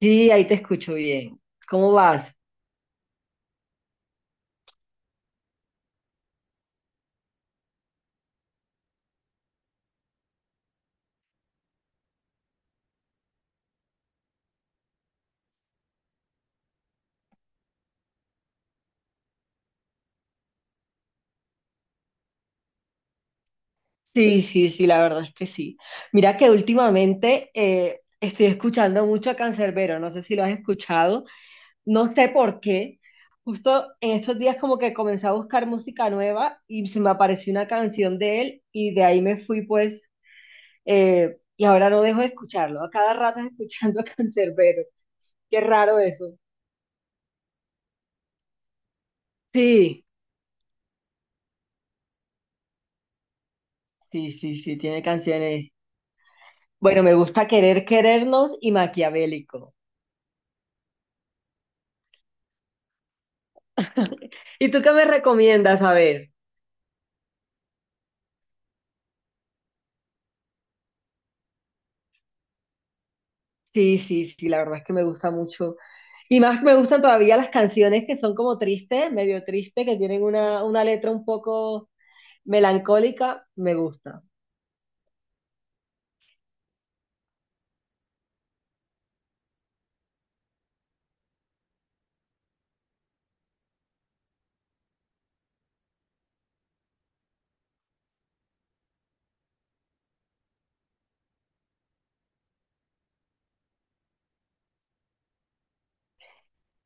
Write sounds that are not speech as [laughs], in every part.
Sí, ahí te escucho bien. ¿Cómo vas? Sí, sí, sí, la verdad es que sí. Mira que últimamente estoy escuchando mucho a Canserbero, no sé si lo has escuchado, no sé por qué. Justo en estos días como que comencé a buscar música nueva y se me apareció una canción de él y de ahí me fui pues. Y ahora no dejo de escucharlo. A cada rato escuchando a Canserbero. Qué raro eso. Sí, sí, sí, sí, tiene canciones. Bueno, me gusta Querer Querernos y Maquiavélico. [laughs] ¿Y tú qué me recomiendas? A ver. Sí, sí, sí, la verdad es que me gusta mucho. Y más me gustan todavía las canciones que son como tristes, medio tristes, que tienen una letra un poco melancólica, me gusta.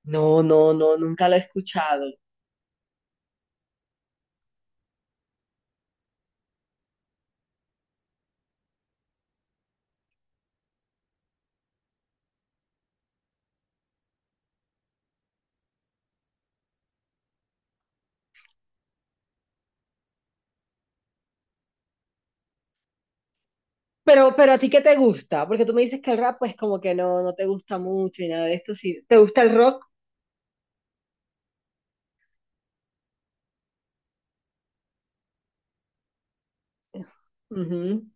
No, no, no, nunca lo he escuchado. Pero a ti ¿qué te gusta? Porque tú me dices que el rap pues como que no, no te gusta mucho y nada de esto. Sí, ¿te gusta el rock? Ujú.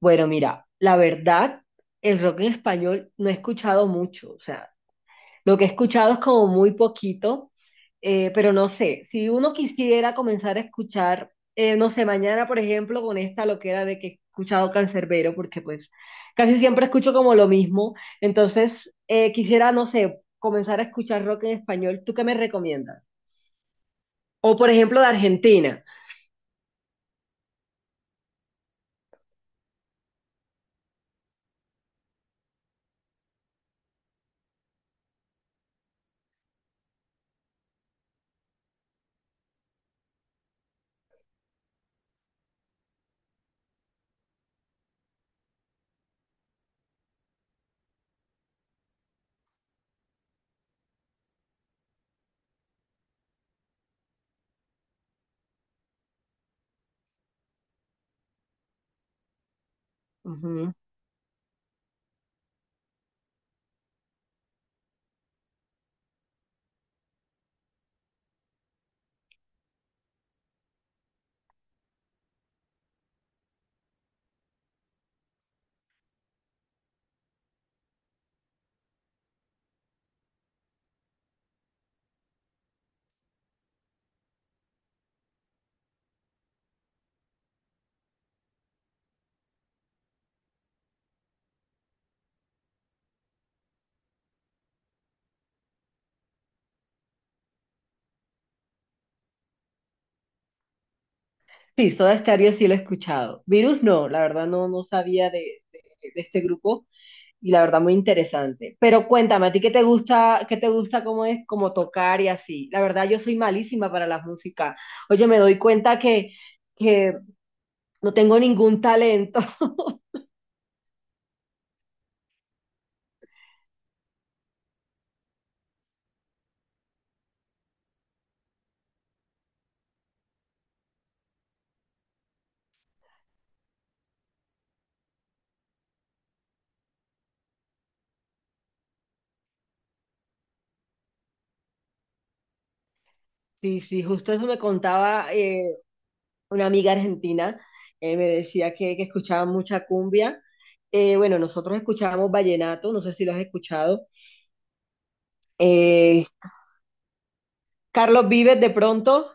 Bueno, mira, la verdad, el rock en español no he escuchado mucho. O sea, lo que he escuchado es como muy poquito, pero no sé, si uno quisiera comenzar a escuchar, no sé, mañana, por ejemplo, con esta loquera de que he escuchado Cancerbero, porque pues casi siempre escucho como lo mismo, entonces quisiera, no sé, comenzar a escuchar rock en español. ¿Tú qué me recomiendas? O por ejemplo de Argentina. Ujú. Sí, Soda Stereo sí lo he escuchado. Virus no, la verdad no, no sabía de este grupo. Y la verdad, muy interesante. Pero cuéntame, ¿a ti qué te gusta cómo es, cómo tocar y así? La verdad, yo soy malísima para la música. Oye, me doy cuenta que no tengo ningún talento. [laughs] Sí, sí, justo eso me contaba una amiga argentina. Me decía que escuchaba mucha cumbia. Bueno, nosotros escuchábamos vallenato, no sé si lo has escuchado. Eh, Carlos Vives de pronto,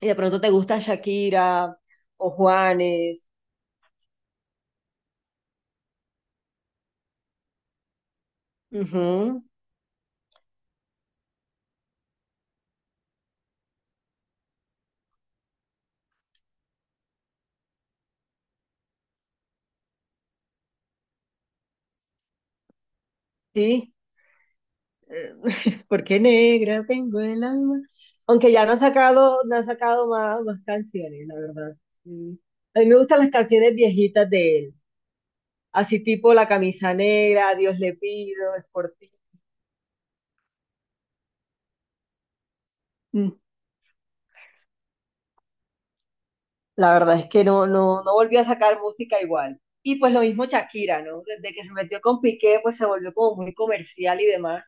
y de pronto te gusta Shakira o Juanes. Ujú, sí. [laughs] Porque negra tengo el alma. Aunque ya no ha sacado, no ha sacado más, más canciones, la verdad. Mm. A mí me gustan las canciones viejitas de él. Así tipo La camisa negra, A Dios le pido, Es por ti. Mm. La verdad es que no, no, no volvió a sacar música igual. Y pues lo mismo Shakira, ¿no? Desde que se metió con Piqué, pues se volvió como muy comercial y demás.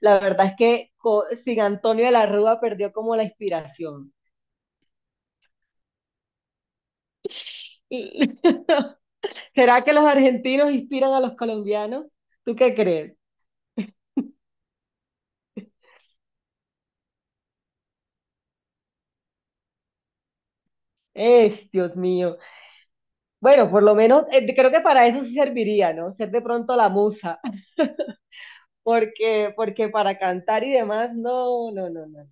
La verdad es que sin Antonio de la Rúa perdió como la inspiración. Y [laughs] ¿será que los argentinos inspiran a los colombianos? ¿Tú qué crees? Es, Dios mío. Bueno, por lo menos creo que para eso sí serviría, ¿no? Ser de pronto la musa, [laughs] porque, porque para cantar y demás, no, no, no, no.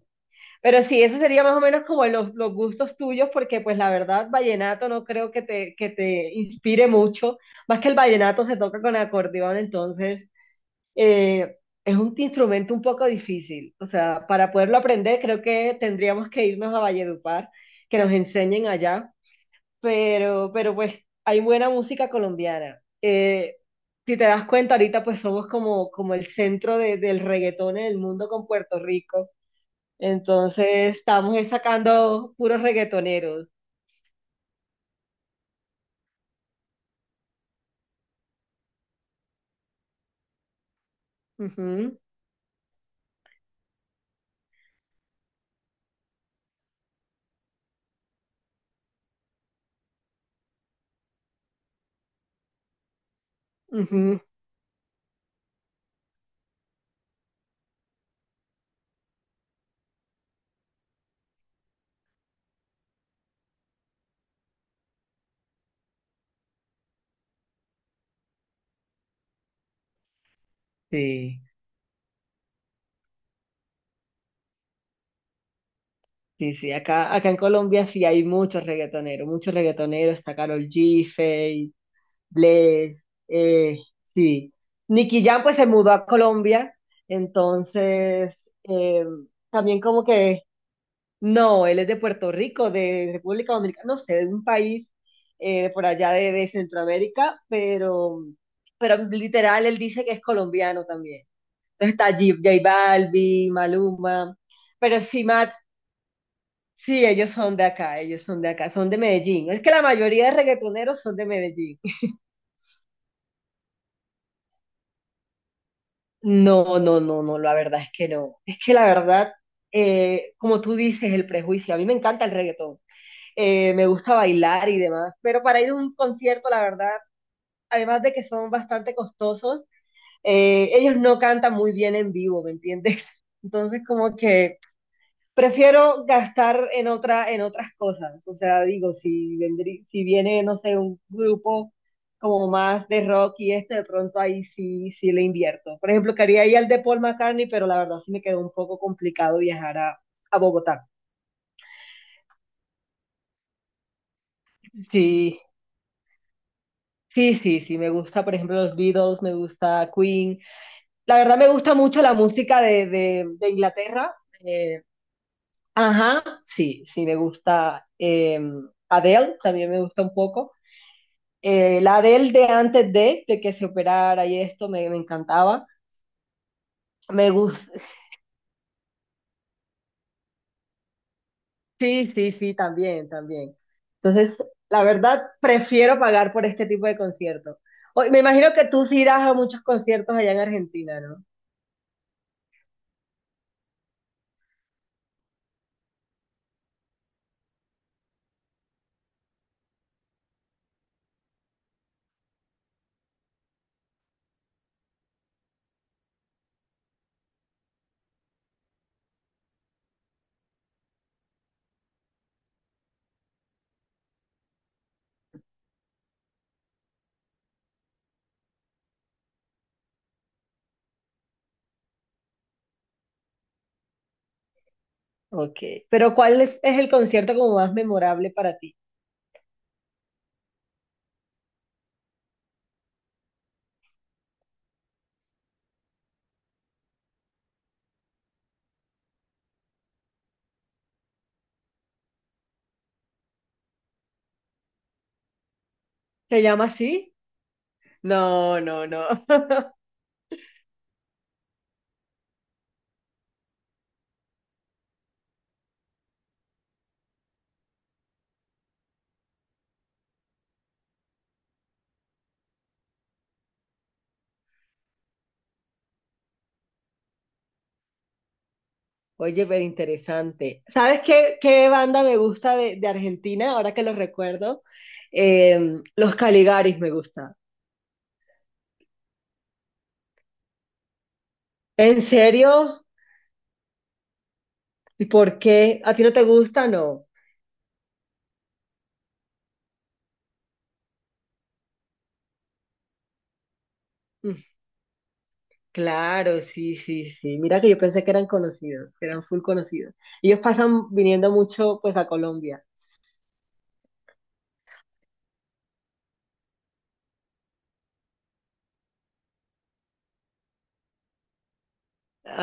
Pero sí, eso sería más o menos como los gustos tuyos, porque pues la verdad, vallenato no creo que te inspire mucho, más que el vallenato se toca con acordeón, entonces… eh, es un instrumento un poco difícil. O sea, para poderlo aprender, creo que tendríamos que irnos a Valledupar, que nos enseñen allá. Pero pues hay buena música colombiana. Si te das cuenta, ahorita pues somos como, como el del reggaetón en el mundo con Puerto Rico. Entonces estamos sacando puros reggaetoneros. Ujú, ujú. Sí, sí, sí. Acá, acá en Colombia sí hay muchos reggaetoneros, muchos reggaetoneros. Está Karol G, Bless, eh, sí. Nicky Jam pues se mudó a Colombia, entonces eh, también como que, no, él es de Puerto Rico, de República Dominicana, no sé, de un país por allá de Centroamérica, pero literal él dice que es colombiano también. Entonces está J Balvin, Maluma, pero sí, Matt, sí, ellos son de acá, ellos son de acá, son de Medellín. Es que la mayoría de reggaetoneros son de Medellín. No, no, no, no, la verdad es que no. Es que la verdad, como tú dices, el prejuicio. A mí me encanta el reggaetón. Me gusta bailar y demás. Pero para ir a un concierto, la verdad, además de que son bastante costosos, ellos no cantan muy bien en vivo, ¿me entiendes? [laughs] Entonces, como que prefiero gastar en otra, en otras cosas. O sea, digo, si si viene, no sé, un grupo como más de rock y este, de pronto ahí sí, sí le invierto. Por ejemplo, quería ir al de Paul McCartney, pero la verdad sí me quedó un poco complicado viajar a Bogotá. Sí, sí, sí, sí, me gusta, por ejemplo, los Beatles, me gusta Queen. La verdad me gusta mucho la música de Inglaterra. Eh, ajá, sí, sí, me gusta Adele, también me gusta un poco. La Adele de antes de que se operara y esto me, me encantaba. Me gusta. [laughs] Sí, sí, sí, también, también. Entonces, la verdad, prefiero pagar por este tipo de conciertos. Me imagino que tú sí irás a muchos conciertos allá en Argentina, ¿no? Ok. Pero ¿cuál es el concierto como más memorable para ti? ¿Se llama así? No, no, no. [laughs] Oye, pero interesante. ¿Sabes qué, qué banda me gusta de Argentina, ahora que lo recuerdo? Los Caligaris me gusta. ¿En serio? ¿Y por qué? ¿A ti no te gusta? No. Mm, claro, sí, sí, sí. Mira que yo pensé que eran conocidos, que eran full conocidos. Ellos pasan viniendo mucho pues a Colombia.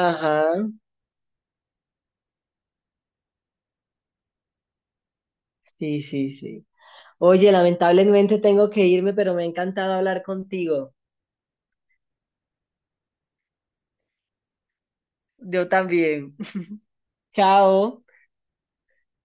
Ajá, sí, sí, sí. Oye, lamentablemente tengo que irme, pero me ha encantado hablar contigo. Yo también. [laughs] Chao.